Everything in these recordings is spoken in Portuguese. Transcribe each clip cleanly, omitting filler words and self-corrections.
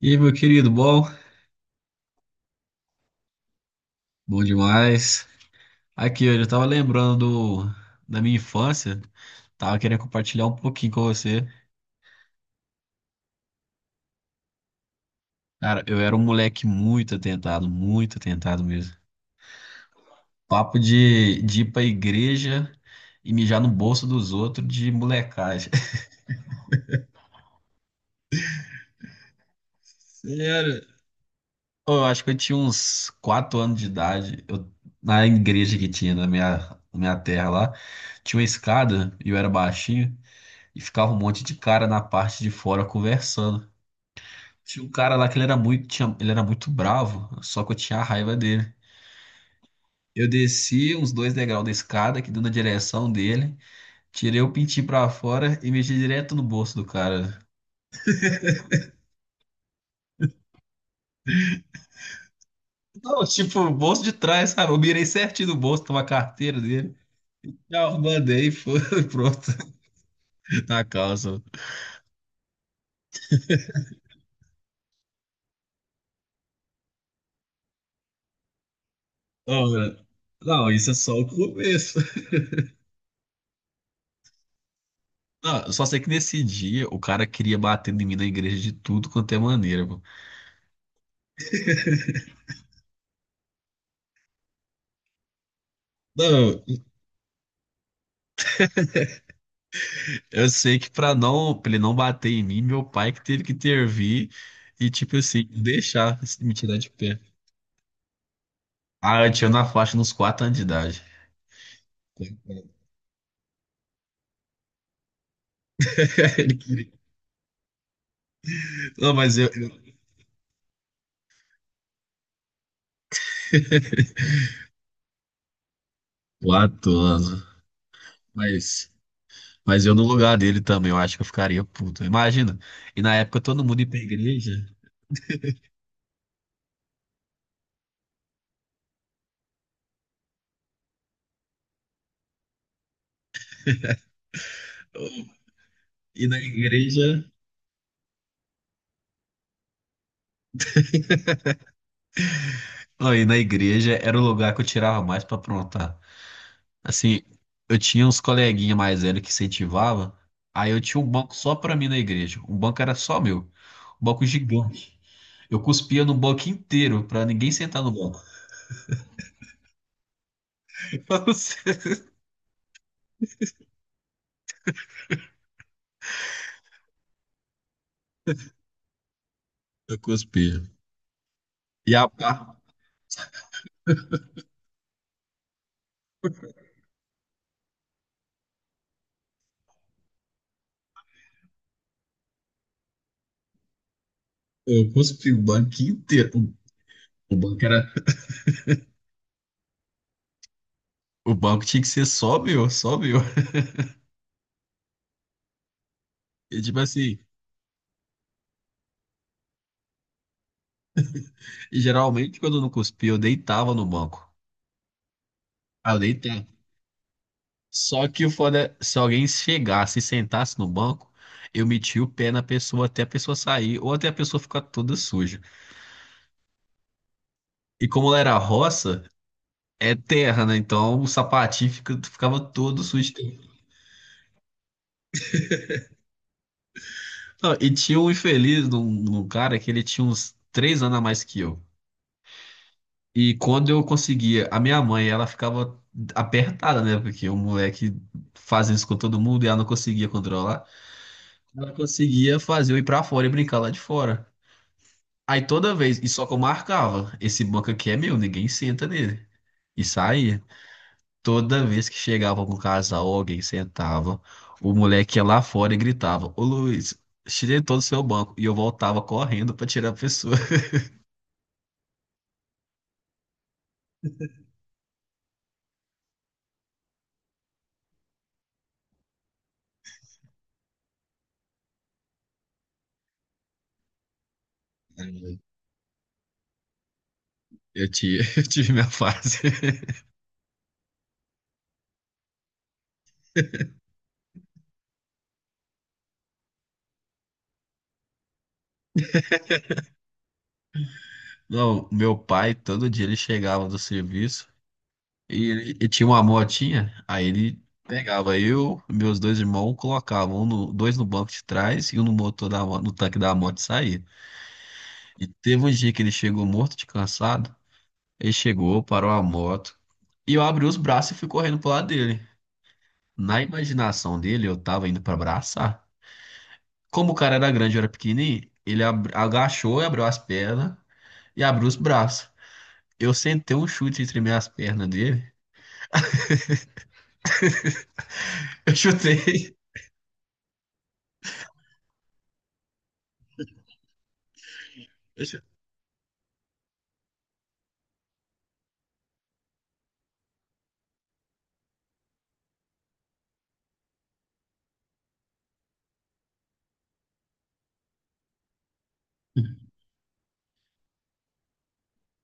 E aí, meu querido, bom? Bom demais. Aqui, eu já tava lembrando do- da minha infância, tava querendo compartilhar um pouquinho com você. Cara, eu era um moleque muito atentado mesmo. Papo de ir pra igreja e mijar no bolso dos outros de molecagem. Sério? Ô, eu acho que eu tinha uns 4 anos de idade, na igreja que tinha na minha terra lá, tinha uma escada e eu era baixinho. E ficava um monte de cara na parte de fora conversando. Tinha um cara lá que ele era muito bravo, só que eu tinha a raiva dele. Eu desci uns dois degraus da escada, que deu na direção dele, tirei o pintinho pra fora e mexi direto no bolso do cara. Não, tipo, o bolso de trás, sabe? Eu mirei certinho no bolso, tava a carteira dele. Já mandei, e foi, pronto, na calça. Não, mano, não, isso é só o começo. Não, eu só sei que nesse dia o cara queria bater em mim na igreja de tudo quanto é maneira, pô. Não, eu sei que pra ele não bater em mim, meu pai que teve que intervir e, tipo assim, deixar me tirar de pé. Ah, eu tinha na faixa nos 4 anos de idade. Ele queria- Não, 4 anos. Mas, mas eu no lugar dele também, eu acho que eu ficaria puto. Imagina. E na época todo mundo ia pra igreja. E na igreja. Não, e na igreja era o lugar que eu tirava mais pra aprontar. Assim, eu tinha uns coleguinhas mais velhos que incentivava, aí eu tinha um banco só pra mim na igreja. Um banco era só meu. Um banco gigante. Eu cuspia no banco inteiro pra ninguém sentar no banco. Pra não ser- Eu cuspia. E a pá, eu cuspi o banco inteiro. O banco era. O banco tinha que ser só meu, só meu. E tipo assim, e geralmente quando eu não cuspia, eu deitava no banco. Ah, eu deitava. Só que o foda, é, se alguém chegasse e sentasse no banco, eu metia o pé na pessoa até a pessoa sair ou até a pessoa ficar toda suja. E como ela era roça, é terra, né? Então o sapatinho ficava todo sujo. Não, e tinha um infeliz num cara que ele tinha uns 3 anos a mais que eu. E quando eu conseguia, a minha mãe, ela ficava apertada, né? Porque o moleque faz isso com todo mundo e ela não conseguia controlar. Ela conseguia fazer eu ir pra fora e brincar lá de fora. Aí toda vez, e só que eu marcava, esse banco aqui é meu, ninguém senta nele. E saía. Toda vez que chegava algum casal, alguém sentava, o moleque ia lá fora e gritava: Ô Luiz, tirei todo o seu banco. E eu voltava correndo pra tirar a pessoa. Eu tive, eu tive minha fase. Não, meu pai, todo dia ele chegava do serviço e tinha uma motinha, aí ele pegava eu, meus dois irmãos, colocavam dois no banco de trás e um no tanque da moto e saía. E teve um dia que ele chegou morto de cansado. Ele chegou, parou a moto. E eu abri os braços e fui correndo pro lado dele. Na imaginação dele, eu tava indo pra abraçar. Como o cara era grande e eu era pequenininho, ele agachou e abriu as pernas e abriu os braços. Eu sentei um chute entre minhas pernas dele. Eu chutei. Eu chu-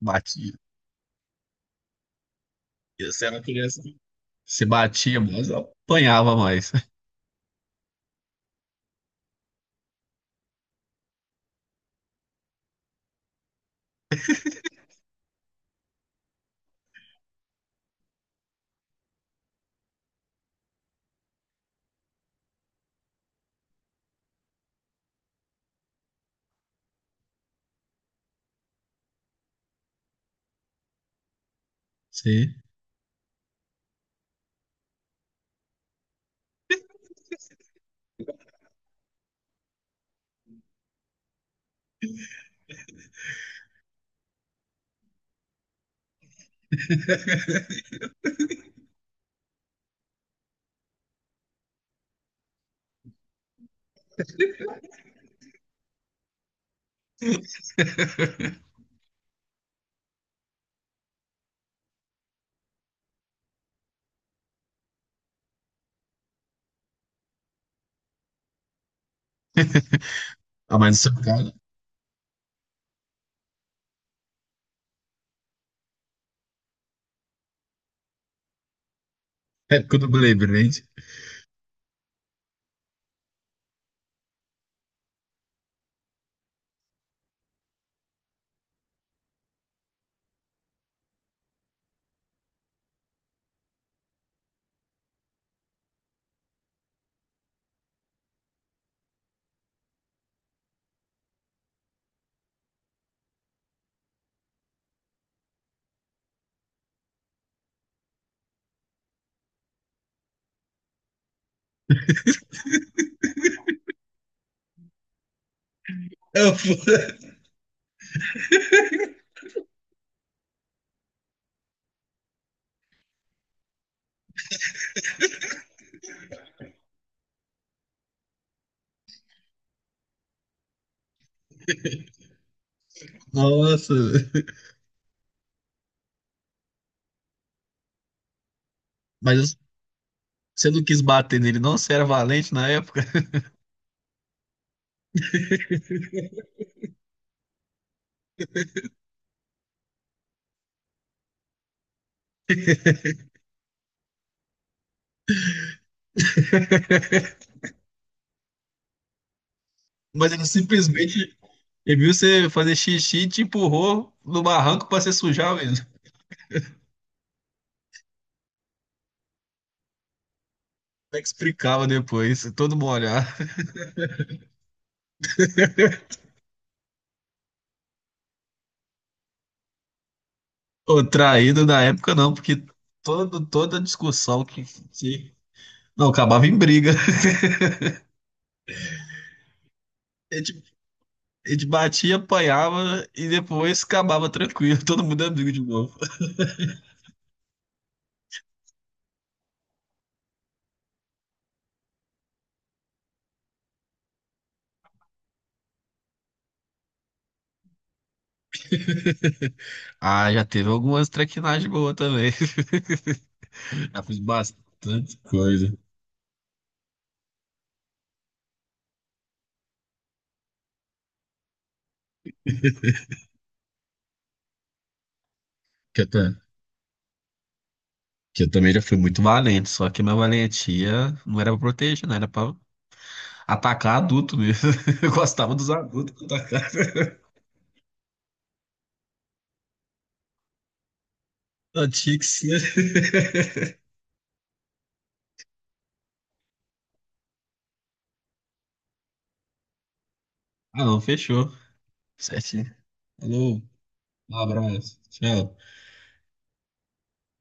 Batia. E você era criança. Você batia mais, eu apanhava mais. Sim. Ah, mas no seu caso, é época do Blade, né? Nossa, mas você não quis bater nele, não? Você era valente na época. Mas ele simplesmente ele viu você fazer xixi e te empurrou no barranco pra você sujar mesmo. Como é que explicava depois? Todo molhado. Ou traído na época, não, porque toda discussão que- Não, acabava em briga. A gente, a gente batia, apanhava e depois acabava tranquilo. Todo mundo é amigo de novo. Ah, já teve algumas traquinagens boas também. Já fiz bastante coisa. Que eu, ta- que eu também já fui muito valente, só que minha valentia não era pra proteger, não era pra atacar adulto mesmo. Eu gostava dos adultos que atacavam. Não tinha que ser. Ah, não, fechou. Certinho. Falou, um abraço. Tchau.